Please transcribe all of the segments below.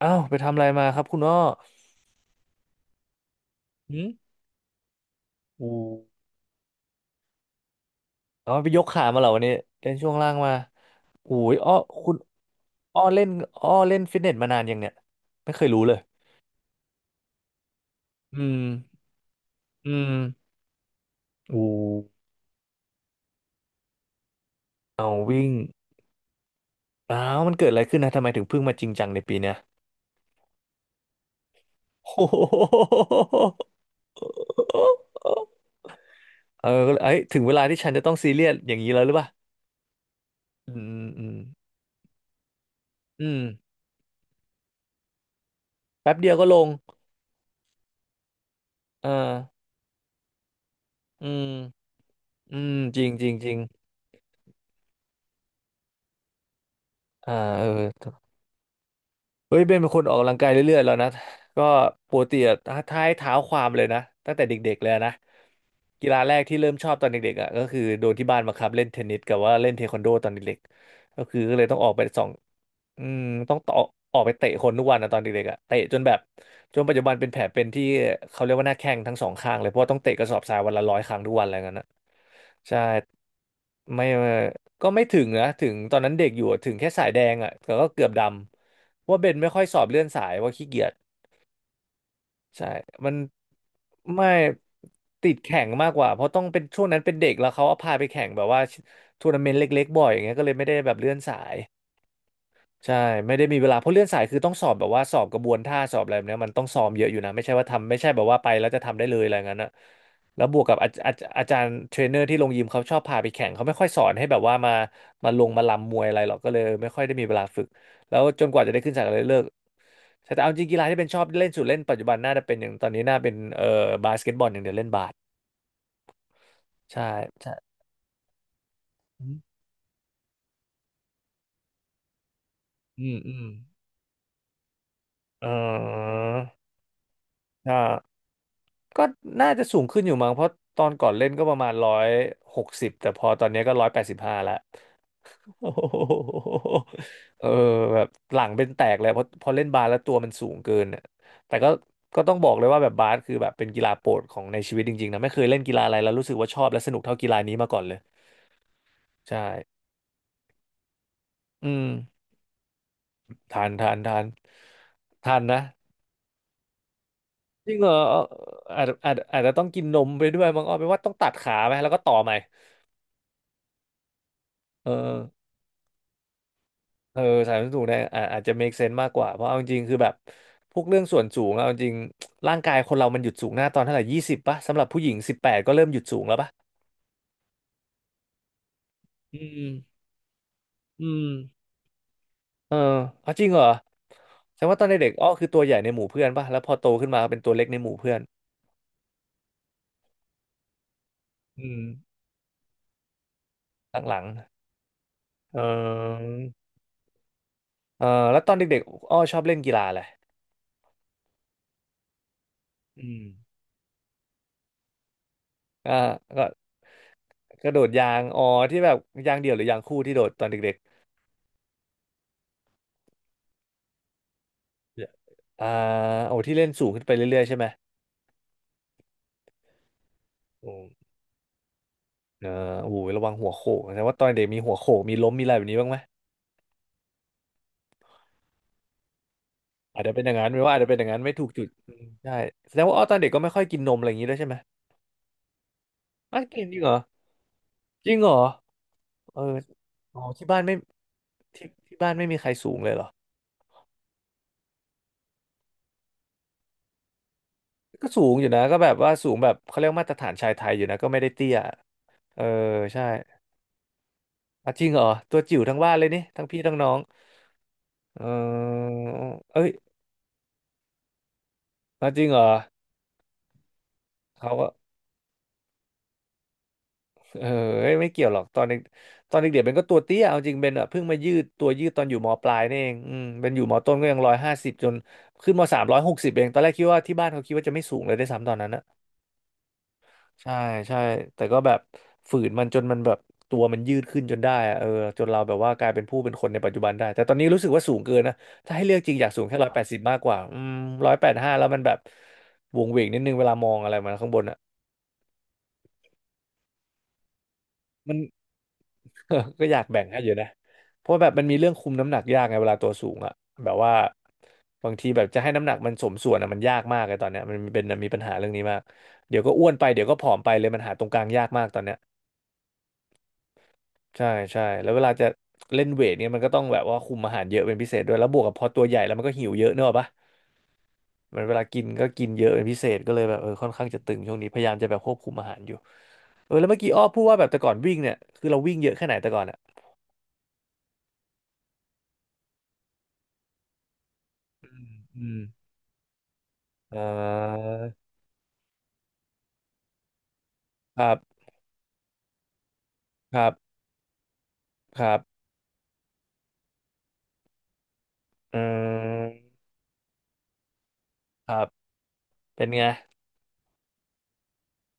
อ้าวไปทำอะไรมาครับคุณอ้อหืมอูอ๋อไปยกขามาเหรอวันนี้เล่นช่วงล่างมาอุ้ยอ้อคุณอ้อเล่นอ้อเล่นฟิตเนสมานานยังเนี่ยไม่เคยรู้เลยอืมอืมอูเอาวิ่งอ้าวมันเกิดอะไรขึ้นนะทำไมถึงเพิ่งมาจริงจังในปีเนี้ยโอ้โห เออก็เลยเอ้ยถึงเวลาที่ฉันจะต้องซีเรียสอย่างนี้แล้วหรือเปล่าอืมอืมอืมแป๊บเดียวก็ลงเอาออืมอืมจริงจริงจริง อ่าเออ เฮ้ยเบนเป็นคนออกกำลังกายเรื่อยๆแล้วนะก็ปกติอะท้ายเท้าความเลยนะตั้งแต่เด็กๆเลยนะกีฬาแรกที่เริ่มชอบตอนเด็กๆอ่ะก็คือโดนที่บ้านบังคับเล่นเทนนิสกับว่าเล่นเทควันโดตอนเด็กๆก็คือก็เลยต้องออกไปสองอืมต้องต่อออกไปเตะคนทุกวันนะตอนเด็กๆอ่ะเตะจนแบบจนปัจจุบันเป็นแผลเป็นที่เขาเรียกว่าหน้าแข้งทั้งสองข้างเลยเพราะว่าต้องเตะกระสอบทรายวันละ100 ครั้งทุกวันอะไรเงี้ยนนะใช่ไม่ ก็ไม่ถึงนะถึงตอนนั้นเด็กอยู่อะถึงแค่สายแดงอ่ะแต่ก็เกือบดำเพราะว่าเบนไม่ค่อยสอบเลื่อนสายว่าขี้เกียจใช่มันไม่ติดแข่งมากกว่าเพราะต้องเป็นช่วงนั้นเป็นเด็กแล้วเขาเอาพาไปแข่งแบบว่าทัวร์นาเมนต์เล็กๆบ่อยอย่างเงี้ยก็เลยไม่ได้แบบเลื่อนสาย ใช่ไม่ได้มีเวลาเพราะเลื่อนสายคือต้องสอบแบบว่าสอบกระบวนท่าสอบอะไรแบบเนี้ยมันต้องซ้อมเยอะอยู่นะไม่ใช่ว่าทำไม่ใช่แบบว่าไปแล้วจะทำได้เลยอะไรงั้นนะแล้วบวกกับอาจารย์เทรนเนอร์ที่ลงยิมเขาชอบพาไปแข่งเขาไม่ค่อยสอนให้แบบว่ามามาลงมาลำมวยอะไรหรอกก็เลยไม่ค่อยได้มีเวลาฝึกแล้วจนกว่าจะได้ขึ้นสายก็เลยเลิกใช่แต่เอาจริงกีฬาที่เป็นชอบเล่นสุดเล่นปัจจุบันน่าจะเป็นอย่างตอนนี้น่าเป็นบาสเกตบอลอย่างเดียวเล่นบาสใช่ใช่อืมอืมอืมเออใช่ ก็น่าจะสูงขึ้นอยู่มั้งเพราะตอนก่อนเล่นก็ประมาณ160แต่พอตอนนี้ก็185ละ โอ้โหเออแบบหลังเป็นแตกเลยเพราะพอเล่นบาสแล้วตัวมันสูงเกินน่ะแต่ก็ก็ต้องบอกเลยว่าแบบบาสคือแบบเป็นกีฬาโปรดของในชีวิตจริงๆนะไม่เคยเล่นกีฬาอะไรแล้วรู้สึกว่าชอบและสนุกเท่ากีฬานี้มาก่อนเลยใช่อืมทานทานทานทานนะจริงเหรออาจจะต้องกินนมไปด้วยมั้งอ้อแปลว่าต้องตัดขาไหมแล้วก็ต่อใหม่เออ เออสายมันสูงเนี่ยอ่าอาจจะ make sense มากกว่าเพราะเอาจริงๆคือแบบพวกเรื่องส่วนสูงเอาจริงๆร่างกายคนเรามันหยุดสูงหน้าตอนเท่าไหร่20ป่ะสำหรับผู้หญิง18ก็เริ่มหยุดสูงแล้วป่ะอืมอืมเออเอาจริงเหรอแสดงว่าตอนเด็กๆอ้อคือตัวใหญ่ในหมู่เพื่อนป่ะแล้วพอโตขึ้นมาเป็นตัวเล็กในหมู่เพื่อนอืมหลังๆเออเออแล้วตอนเด็กๆอ้อชอบเล่นกีฬาอะไรอืมอ่าก็กระโดดยางอ๋อที่แบบยางเดี่ยวหรือยางคู่ที่โดดตอนเด็กๆอ่าโอ้ที่เล่นสูงขึ้นไปเรื่อยๆใช่ไหม โอ้เออโอ้โหระวังหัวโขกแสดงว่าตอนเด็กมีหัวโขกมีล้มมีอะไรแบบนี้บ้างไหมอาจจะเป็นอย่างนั้นไม่ว่าอาจจะเป็นอย่างนั้นไม่ถูกจุดอืมใช่แสดงว่าอ้อตอนเด็กก็ไม่ค่อยกินนมอะไรอย่างนี้ด้วยใช่ไหมอ้าวกินจริงเหรอจริงเหรอเอออ๋อที่บ้านไม่ที่บ้านไม่มีใครสูงเลยเหรอ ก็สูงอยู่นะก็แบบว่าสูงแบบเขาเรียกมาตรฐานชายไทยอยู่นะก็ไม่ได้เตี้ยเออใช่อ่ะจริงเหรอตัวจิ๋วทั้งบ้านเลยนี่ทั้งพี่ทั้งน้องเออเอ้ยอ่ะจริงเหรอเขาก็ เออเอ้ยไม่เกี่ยวหรอกตอนเด็กตอนเด็กเด็กเป็นก็ตัวเตี้ยเอาจริงเป็นอ่ะเพิ่งมายืดตัวยืดตอนอยู่มปลายนี่เองเป็นอยู่มต้นก็ยัง150จนขึ้นม360เองตอนแรกคิดว่าที่บ้านเขาคิดว่าจะไม่สูงเลยได้วยซ้ำตอนนั้นนะใช่ใช่แต่ก็แบบฝืนมันจนมันแบบตัวมันยืดขึ้นจนได้อะจนเราแบบว่ากลายเป็นผู้เป็นคนในปัจจุบันได้แต่ตอนนี้รู้สึกว่าสูงเกินนะถ้าให้เลือกจริงอยากสูงแค่180มากกว่า185แล้วมันแบบวงเวงนิดนึงเวลามองอะไรมาข้างบนอ่ะ ก็อยากแบ่งให้อยู่นะเพราะแบบมันมีเรื่องคุมน้ำหนักยากไงเวลาตัวสูงอะแบบว่าบางทีแบบจะให้น้ำหนักมันสมส่วนอะมันยากมากเลยตอนเนี้ยมันเป็นมีปัญหาเรื่องนี้มากเดี๋ยวก็อ้วนไปเดี๋ยวก็ผอมไปเลยมันหาตรงกลางยากมากตอนเนี้ยใช่ใช่แล้วเวลาจะเล่นเวทเนี่ยมันก็ต้องแบบว่าคุมอาหารเยอะเป็นพิเศษด้วยแล้วบวกกับพอตัวใหญ่แล้วมันก็หิวเยอะเนอะปะมันเวลากินก็กินเยอะเป็นพิเศษก็เลยแบบค่อนข้างจะตึงช่วงนี้พยายามจะแบบควบคุมอาหารอยู่แล้วเมื่อกี้อ้อพูดว่าแบบแต่ก่อนวิ่งเนี่ยคือเราวิ่งเยอะแค่ไหนแต่ก่อนอะอืมอ่าครับ ครับครับเืมครับเป็นไง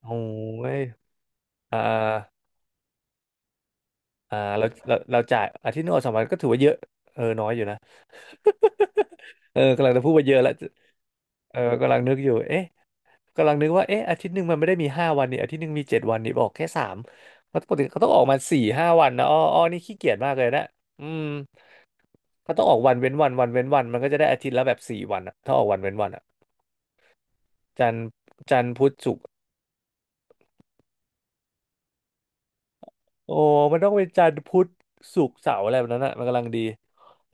โอ้ยอ่าอ่าเราจ่ายอาทิตย์หนึงออก2 วันก็ถือว่าเยอะน้อยอยู่นะกำลังจะพูดว่าเยอะแล้วกำลังนึกอยู่ เอ๊ะกำลังนึกว่าเอ๊ะอาทิตย์หนึ่งมันไม่ได้มีห้าวันนี่อาทิตย์หนึ่งมี7 วันนี่บอกแค่สามเพราะปกติเขาต้องออกมา4-5 วันนะอ้อนี่ขี้เกียจมากเลยนะอืมเขาต้องออกวันเว้นวันวันเว้นวันมันก็จะได้อาทิตย์ละแบบสี่วันอะถ้าออกวันเว้นวันอะจันทร์จันทร์พุธศุกร์ โอ้มันต้องเป็นจันทร์พุธศุกร์เสาร์อะไรแบบนั้นอ่ะมันกำลังดี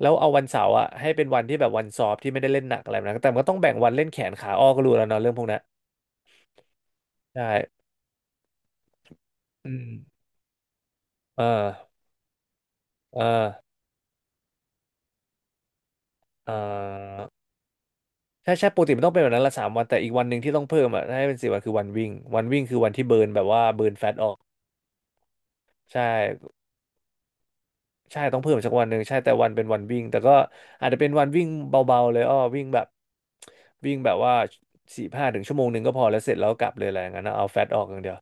แล้วเอาวันเสาร์อ่ะให้เป็นวันที่แบบวันสอบที่ไม่ได้เล่นหนักอะไรแบบนั้นแต่มันก็ต้องแบ่งวันเล่นแขนขาอ้อก็รู้แล้วเนาะเรื่องพวกนั้นใช่อืมเออเออเออใช่ใช่ปกติมันต้องเป็นแบบนั้นละ3 วันแต่อีกวันหนึ่งที่ต้องเพิ่มอ่ะให้เป็นสี่วันคือวันวิ่งวันวิ่งคือวันที่เบิร์นแบบว่าเบิร์นแฟตออกใช่ ใช่ต้องเพิ่มอีกสักวันหนึ่งใช่แต่วันเป็นวันวิ่งแต่ก็อาจจะเป็นวันวิ่งเบาๆเลยอ้อวิ่งแบบวิ่งแบบว่าสี่ห้าถึงชั่วโมงหนึ่งก็พอแล้วเสร็จแล้วกลับเลยอะไรอย่างนั้นนะเอาแฟตออกอย่างเดียว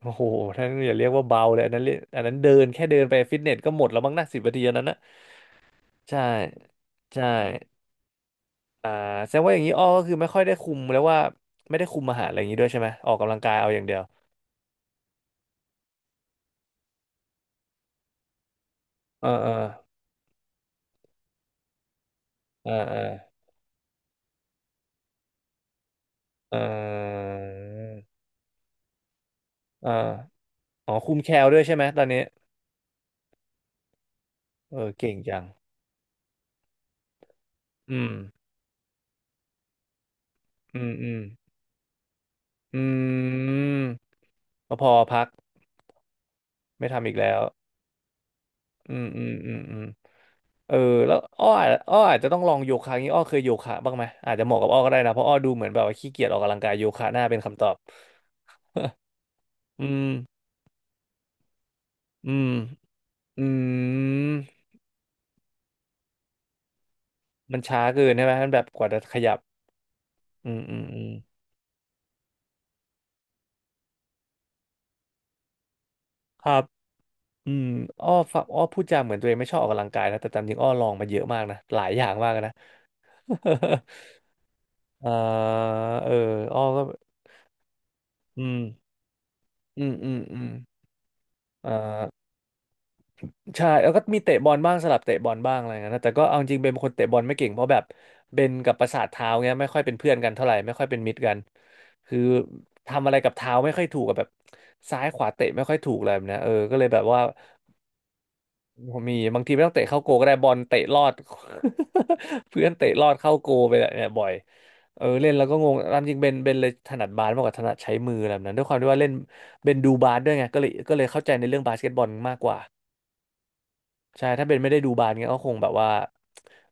โอ้โหท่านอย่าเรียกว่าเบาเลยอันนั้นเรียกอันนั้นเดินแค่เดินไปฟิตเนสก็หมดแล้วมั้งนะ10 นาทีอันนั้นนะใช่ใช่อ่าแสดงว่าอย่างนี้อ้อก็คือไม่ค่อยได้คุมแล้วว่าไม่ได้คุมอาหารอะไรอย่างนี้ด้วยใช่ไหมออกกำลังกายเอาอย่างเดียวเออเออเออเออเออเอออ๋อคุมแคลด้วยใช่ไหมตอนนี้เออเก่งจัง อืมอืมอืมอืมก็พอพักไม่ทำอีกแล้วอืมอืมอืมอืมเออแล้วอ้ออาจจะต้องลองโยคะงี้อ้อเคยโยคะบ้างไหมอาจจะเหมาะกับอ้อก็ได้นะเพราะอ้อดูเหมือนแบบว่าขี้เกียจออกกำลังกายโยคะน่าเป็นคำตอบอืมอืมอืมมันช้าเกินใช่ไหมมันแบบกว่าจะขยับอืมอืมอืมครับอืมอ้อฟังอ้อพูดจาเหมือนตัวเองไม่ชอบออกกำลังกายนะแต่ตามจริงอ้อลองมาเยอะมากนะหลายอย่างมากนะ อ่าเอออ้อก็ อืมอืมอืมอืมอ่าใช่แล้วก็มีเตะบอลบ้างสลับเตะบอลบ้างอะไรเงี้ยนะแต่ก็เอาจริงเป็นคนเตะบอลไม่เก่งเพราะแบบเบนกับประสาทเท้าเงี้ยไม่ค่อยเป็นเพื่อนกันเท่าไหร่ไม่ค่อยเป็นมิตรกันคือทำอะไรกับเท้าไม่ค่อยถูกกับแบบซ้ายขวาเตะไม่ค่อยถูกอะไรแบบเนี้ยก็เลยแบบว่า ผมมีบางทีไม่ต้องเตะเข้าโกลก็ได้บอลเตะลอด เพื่อนเตะลอดเข้าโกลไปเนี่ยบ่อยเล่นแล้วก็งงตามจริงเบนเลยถนัดบาสมากกว่าถนัดใช้มืออะไรแบบนั้นด้วยความที่ว่าเล่นเบนดูบาสด้วยไงก็เลยก็เลยเข้าใจในเรื่องบาสเกตบอลมากกว่า ใช่ถ้าเป็นไม่ได้ดูบาสเงี้ยก็คงแบบว่า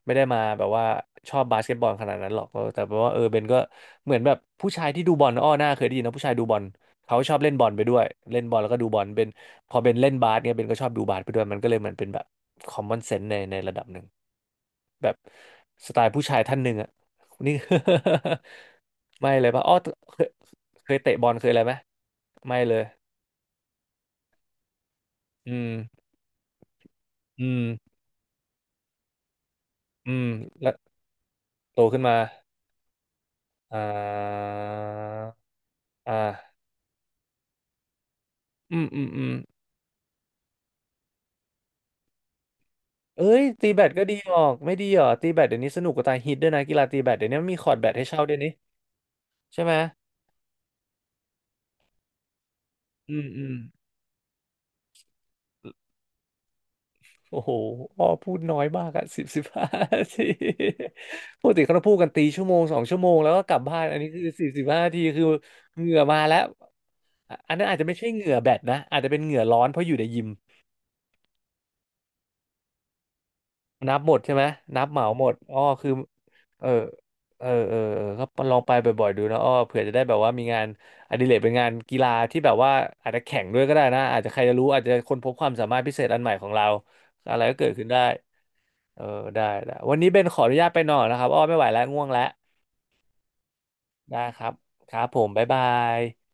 ไม่ได้มาแบบว่าชอบบาสเกตบอลขนาดนั้นหรอกแต่แปลว่าเบนก็เหมือนแบบผู้ชายที่ดูบอลอ้อหน้าเคยได้ยินนะผู้ชายดูบอลเขาชอบเล่นบอลไปด้วยเล่นบอลแล้วก็ดูบอลเบนพอเบนเล่นบาสเนี่ยเบนก็ชอบดูบาสไปด้วยมันก็เลยเหมือนเป็นแบบคอมมอนเซนส์ในระดับหนึ่งแบบสไตล์ผู้ชายท่านหนึ่งอ่ะนี่ ไม่เลยปะอ้อเคยเคยเตะบอลเคยอะไรไหมไม่เลยอืมอืมอืมแล้วโตขึ้นมา อ่าอ่าอืมอืมอืมเอ้ยตีแบดก็ดีออกไม่ดีเหรอตีแบดเดี๋ยวนี้สนุกกว่าตายฮิตด้วยนะกีฬาตีแบดเดี๋ยวนี้มันมีคอร์ตแบดให้เช่าด้วยนี่ใช่ไหมอืมอืมโอ้โหอ้อพูดน้อยมากอะสิบสิบห้านาที ปกติเขาจะพูดกันตีชั่วโมง2 ชั่วโมงแล้วก็กลับบ้านอันนี้คือสิบสิบห้านาทีคือเหงื่อมาแล้วอันนั้นอาจจะไม่ใช่เหงื่อแบดนะอาจจะเป็นเหงื่อร้อนเพราะอยู่ในยิม นับหมดใช่ไหมนับเหมาหมดอ้อคือเออเออเออก็ลองไปบ่อยๆดูนะอ้อเผื่อจะได้แบบว่ามีงานอดิเรกเป็นงานกีฬาที่แบบว่าอาจจะแข่งด้วยก็ได้นะอาจจะใครจะรู้อาจจะค้นพบความสามารถพิเศษอันใหม่ของเราอะไรก็เกิดขึ้นได้เออได้ได้วันนี้เบนขออนุญาตไปนอนนะครับอ้อไม่ไหวแล้วง่วงแล้วได้ครับครับผมบ๊ายบาย